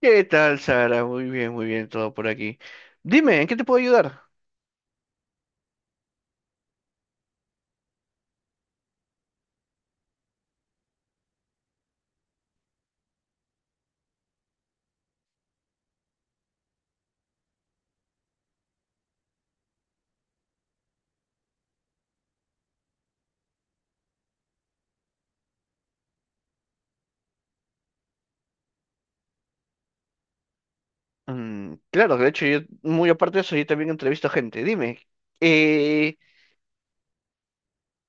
¿Qué tal, Sara? Muy bien, todo por aquí. Dime, ¿en qué te puedo ayudar? Mm, claro, de hecho, yo, muy aparte de eso, yo también entrevisto a gente. Dime, eh,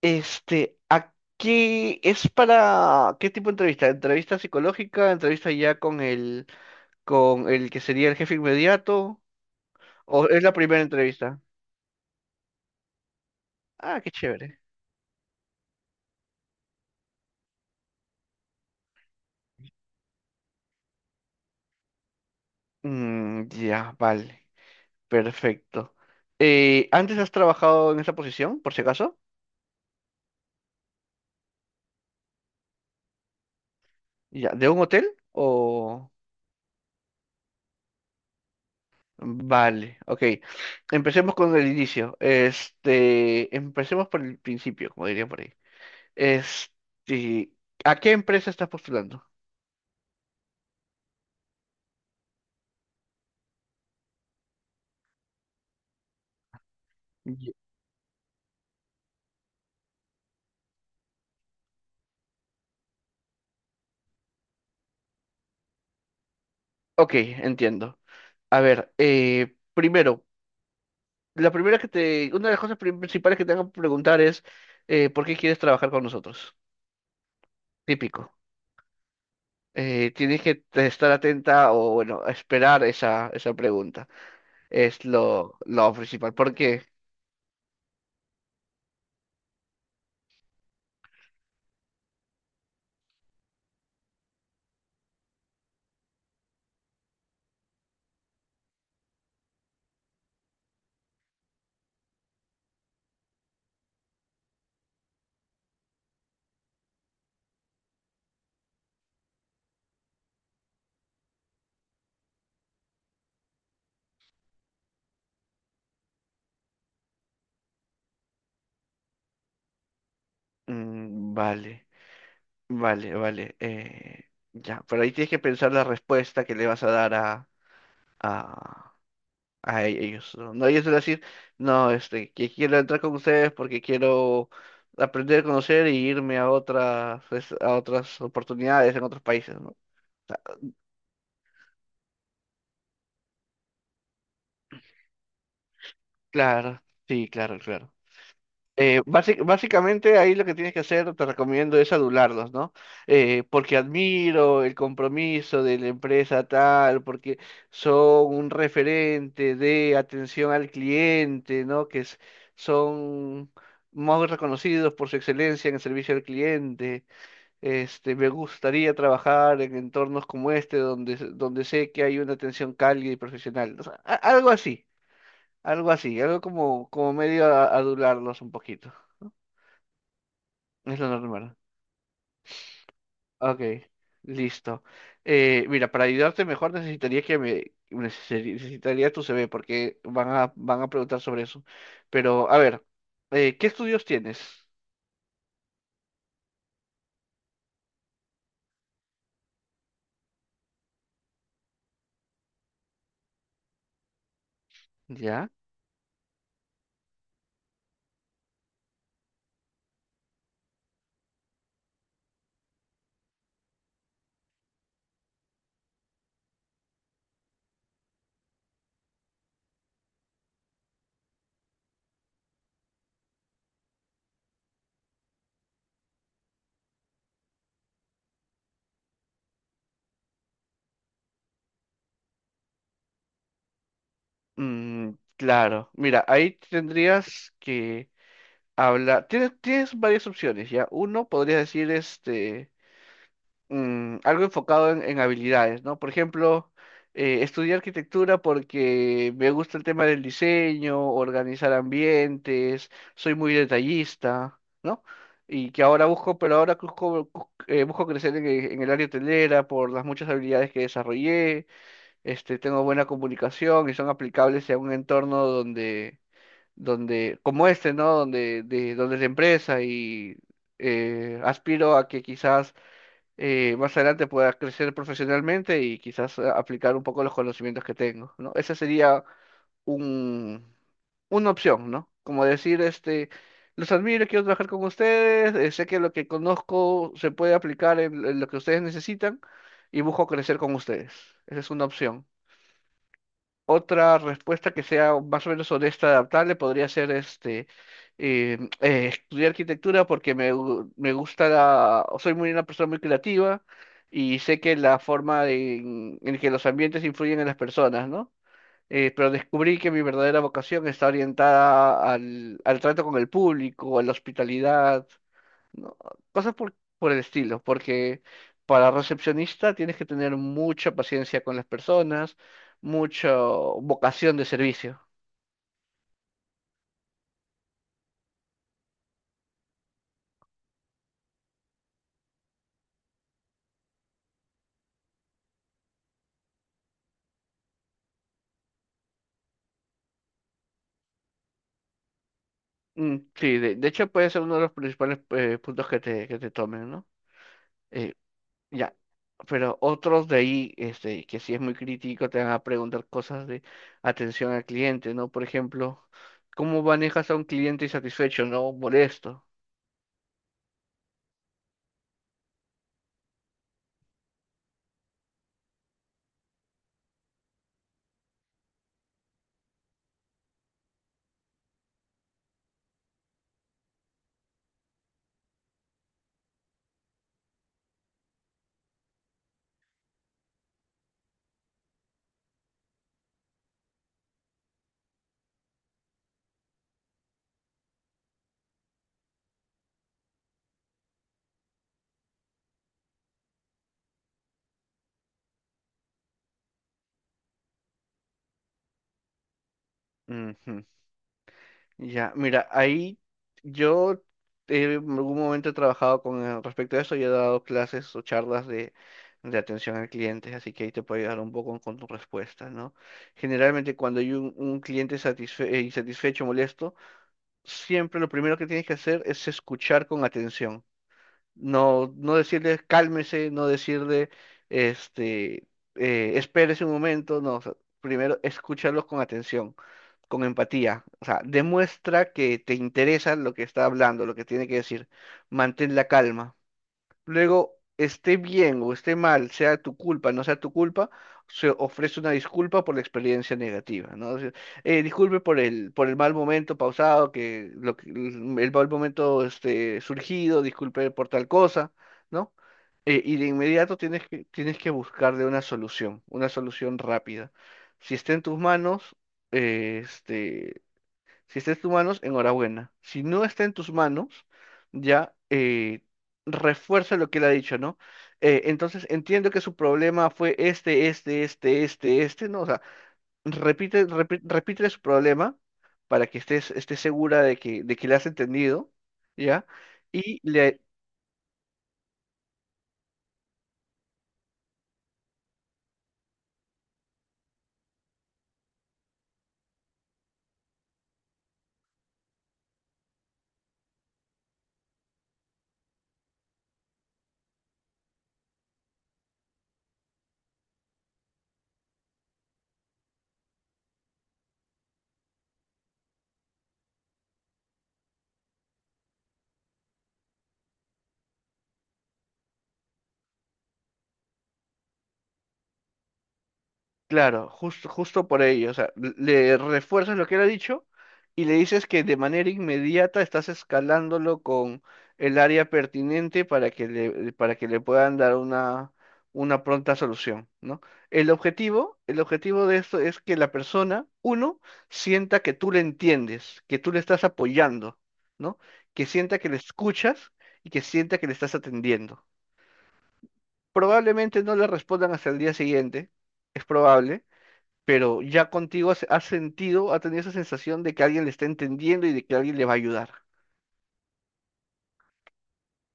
¿a qué es para qué tipo de entrevista? ¿Entrevista psicológica? ¿Entrevista ya con el que sería el jefe inmediato? ¿O es la primera entrevista? Ah, qué chévere. Mm, ya, vale, perfecto. ¿Antes has trabajado en esa posición, por si acaso? Ya, ¿de un hotel o...? Vale, ok. Empecemos con el inicio. Este, empecemos por el principio, como dirían por ahí. Este, ¿a qué empresa estás postulando? Ye- Ok, entiendo. A ver, primero, la primera que te, una de las cosas principales que te van a preguntar es ¿por qué quieres trabajar con nosotros? Típico. Tienes que estar atenta o bueno, esperar esa pregunta. Es lo principal. ¿Por qué? Mm, vale. Vale, vale. Ya, pero ahí tienes que pensar la respuesta que le vas a dar a, a ellos. No, no, ellos van a decir, no, este, que quiero entrar con ustedes porque quiero aprender a conocer y irme a otras, a otras oportunidades en otros países, ¿no? Claro, sí, claro, claro. Básicamente ahí lo que tienes que hacer, te recomiendo, es adularlos, ¿no? Porque admiro el compromiso de la empresa tal, porque son un referente de atención al cliente, ¿no? Son muy reconocidos por su excelencia en el servicio al cliente. Este, me gustaría trabajar en entornos como este, donde, donde sé que hay una atención cálida y profesional. O sea, algo así, algo así, algo como, como medio adularlos un poquito. Es lo normal. Ok, listo. Mira, para ayudarte mejor necesitaría que me necesitaría tu CV porque van a preguntar sobre eso. Pero a ver, ¿qué estudios tienes? ¿Ya? Mm, claro. Mira, ahí tendrías que hablar. Tienes varias opciones, ¿ya? Uno podría decir este mm, algo enfocado en habilidades, ¿no? Por ejemplo, estudié arquitectura porque me gusta el tema del diseño, organizar ambientes, soy muy detallista, ¿no? Y que ahora busco, pero ahora busco, busco crecer en el área hotelera por las muchas habilidades que desarrollé, este, tengo buena comunicación y son aplicables a un entorno donde, donde, como este, ¿no? Donde, de, donde es de empresa y aspiro a que quizás más adelante pueda crecer profesionalmente y quizás aplicar un poco los conocimientos que tengo, ¿no? Esa sería un, una opción, ¿no? Como decir, este, los admiro, quiero trabajar con ustedes, sé que lo que conozco se puede aplicar en lo que ustedes necesitan y busco crecer con ustedes. Esa es una opción. Otra respuesta que sea más o menos honesta, adaptable, podría ser este, estudiar arquitectura porque me gusta la, soy muy una persona muy creativa y sé que la forma en que los ambientes influyen en las personas, ¿no? Pero descubrí que mi verdadera vocación está orientada al, al trato con el público, a la hospitalidad, no, cosas por el estilo, porque para recepcionista tienes que tener mucha paciencia con las personas, mucha vocación de servicio. Mm, sí, de hecho puede ser uno de los principales puntos que te tomen, ¿no? Eh, ya, pero otros de ahí, este, que sí es muy crítico, te van a preguntar cosas de atención al cliente, ¿no? Por ejemplo, ¿cómo manejas a un cliente insatisfecho, no molesto? Ujú. Ya, mira, ahí yo en algún momento he trabajado con respecto a eso y he dado clases o charlas de atención al cliente, así que ahí te puedo ayudar un poco con tu respuesta, ¿no? Generalmente cuando hay un cliente insatisfecho, molesto, siempre lo primero que tienes que hacer es escuchar con atención. No, no decirle cálmese, no decirle este espérese un momento, no, o sea, primero escúchalos con atención, con empatía. O sea, demuestra que te interesa lo que está hablando, lo que tiene que decir. Mantén la calma. Luego, esté bien o esté mal, sea tu culpa, no sea tu culpa, se ofrece una disculpa por la experiencia negativa, ¿no? O sea, disculpe por el mal momento pausado, que, el mal momento este, surgido, disculpe por tal cosa, ¿no? Y de inmediato tienes que buscarle una solución rápida. Si está en tus manos, eh, este, si está en tus manos, enhorabuena. Si no está en tus manos, ya eh, refuerza lo que él ha dicho, ¿no? Entonces entiendo que su problema fue este, este, este, este, este, ¿no? O sea, repítele su problema para que estés segura de que le has entendido, ¿ya? Y le, claro, justo, justo por ello. O sea, le refuerzas lo que él ha dicho y le dices que de manera inmediata estás escalándolo con el área pertinente para que le puedan dar una pronta solución, ¿no? El objetivo de esto es que la persona, uno, sienta que tú le entiendes, que tú le estás apoyando, ¿no? Que sienta que le escuchas y que sienta que le estás atendiendo. Probablemente no le respondan hasta el día siguiente, es probable, pero ya contigo has, has sentido, ha tenido esa sensación de que alguien le está entendiendo y de que alguien le va a ayudar.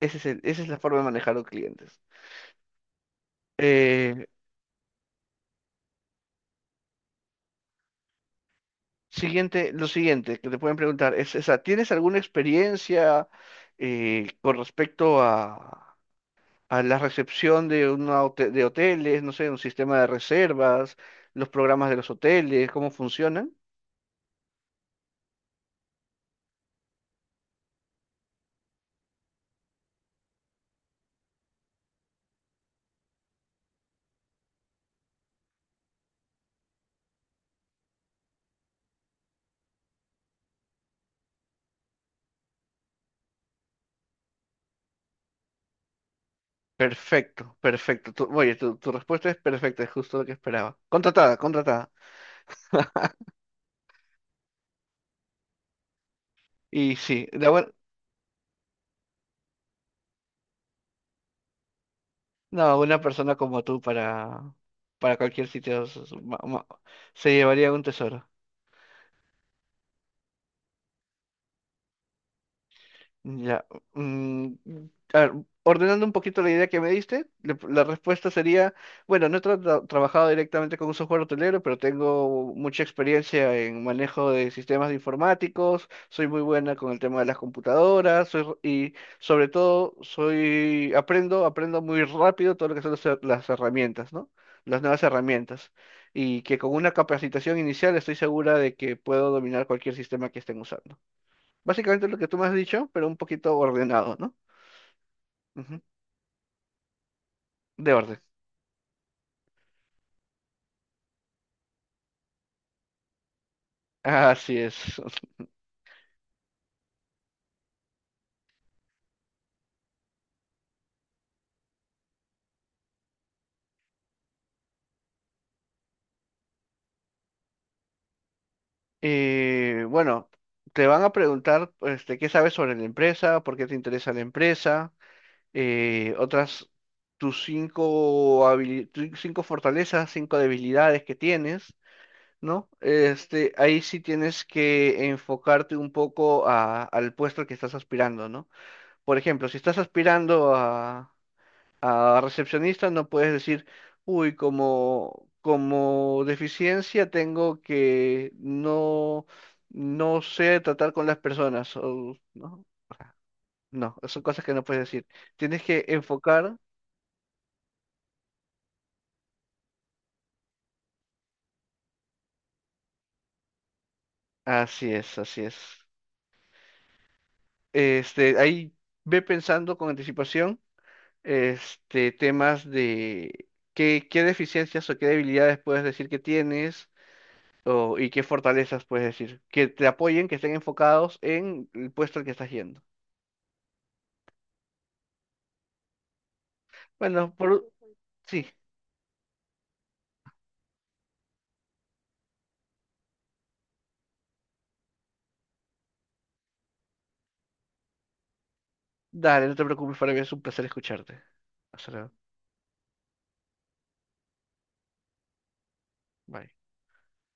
Esa es la forma de manejar a los clientes. Eh, siguiente, lo siguiente que te pueden preguntar es esa, ¿tienes alguna experiencia con respecto a la recepción de, de hoteles, no sé, un sistema de reservas, los programas de los hoteles, cómo funcionan? Perfecto, perfecto. Oye, tu, tu respuesta es perfecta, es justo lo que esperaba. Contratada, contratada. Y sí, no, una persona como tú para cualquier sitio se llevaría un tesoro. Ya. Mm, a ver, ordenando un poquito la idea que me diste, la respuesta sería, bueno, no he trabajado directamente con un software hotelero, pero tengo mucha experiencia en manejo de sistemas de informáticos, soy muy buena con el tema de las computadoras, y sobre todo soy, aprendo muy rápido todo lo que son las, las herramientas, ¿no? Las nuevas herramientas. Y que con una capacitación inicial estoy segura de que puedo dominar cualquier sistema que estén usando. Básicamente lo que tú me has dicho, pero un poquito ordenado, ¿no? Ujú, de orden. Así es. Bueno, te van a preguntar, este, qué sabes sobre la empresa, por qué te interesa la empresa, otras tus cinco habili- tu- cinco fortalezas, cinco debilidades que tienes, ¿no? Este, ahí sí tienes que enfocarte un poco al puesto al que estás aspirando, ¿no? Por ejemplo, si estás aspirando a recepcionista no puedes decir, uy, como, como deficiencia tengo que no, no sé tratar con las personas. O- no, no, son cosas que no puedes decir. Tienes que enfocar. Así es, así es. Este, ahí ve pensando con anticipación, este, temas de qué, qué deficiencias o qué debilidades puedes decir que tienes. O- ¿y qué fortalezas puedes decir? Que te apoyen, que estén enfocados en el puesto al que estás yendo. Bueno, por... sí, dale, no te preocupes, para mí es un placer escucharte. Hasta luego. Bye.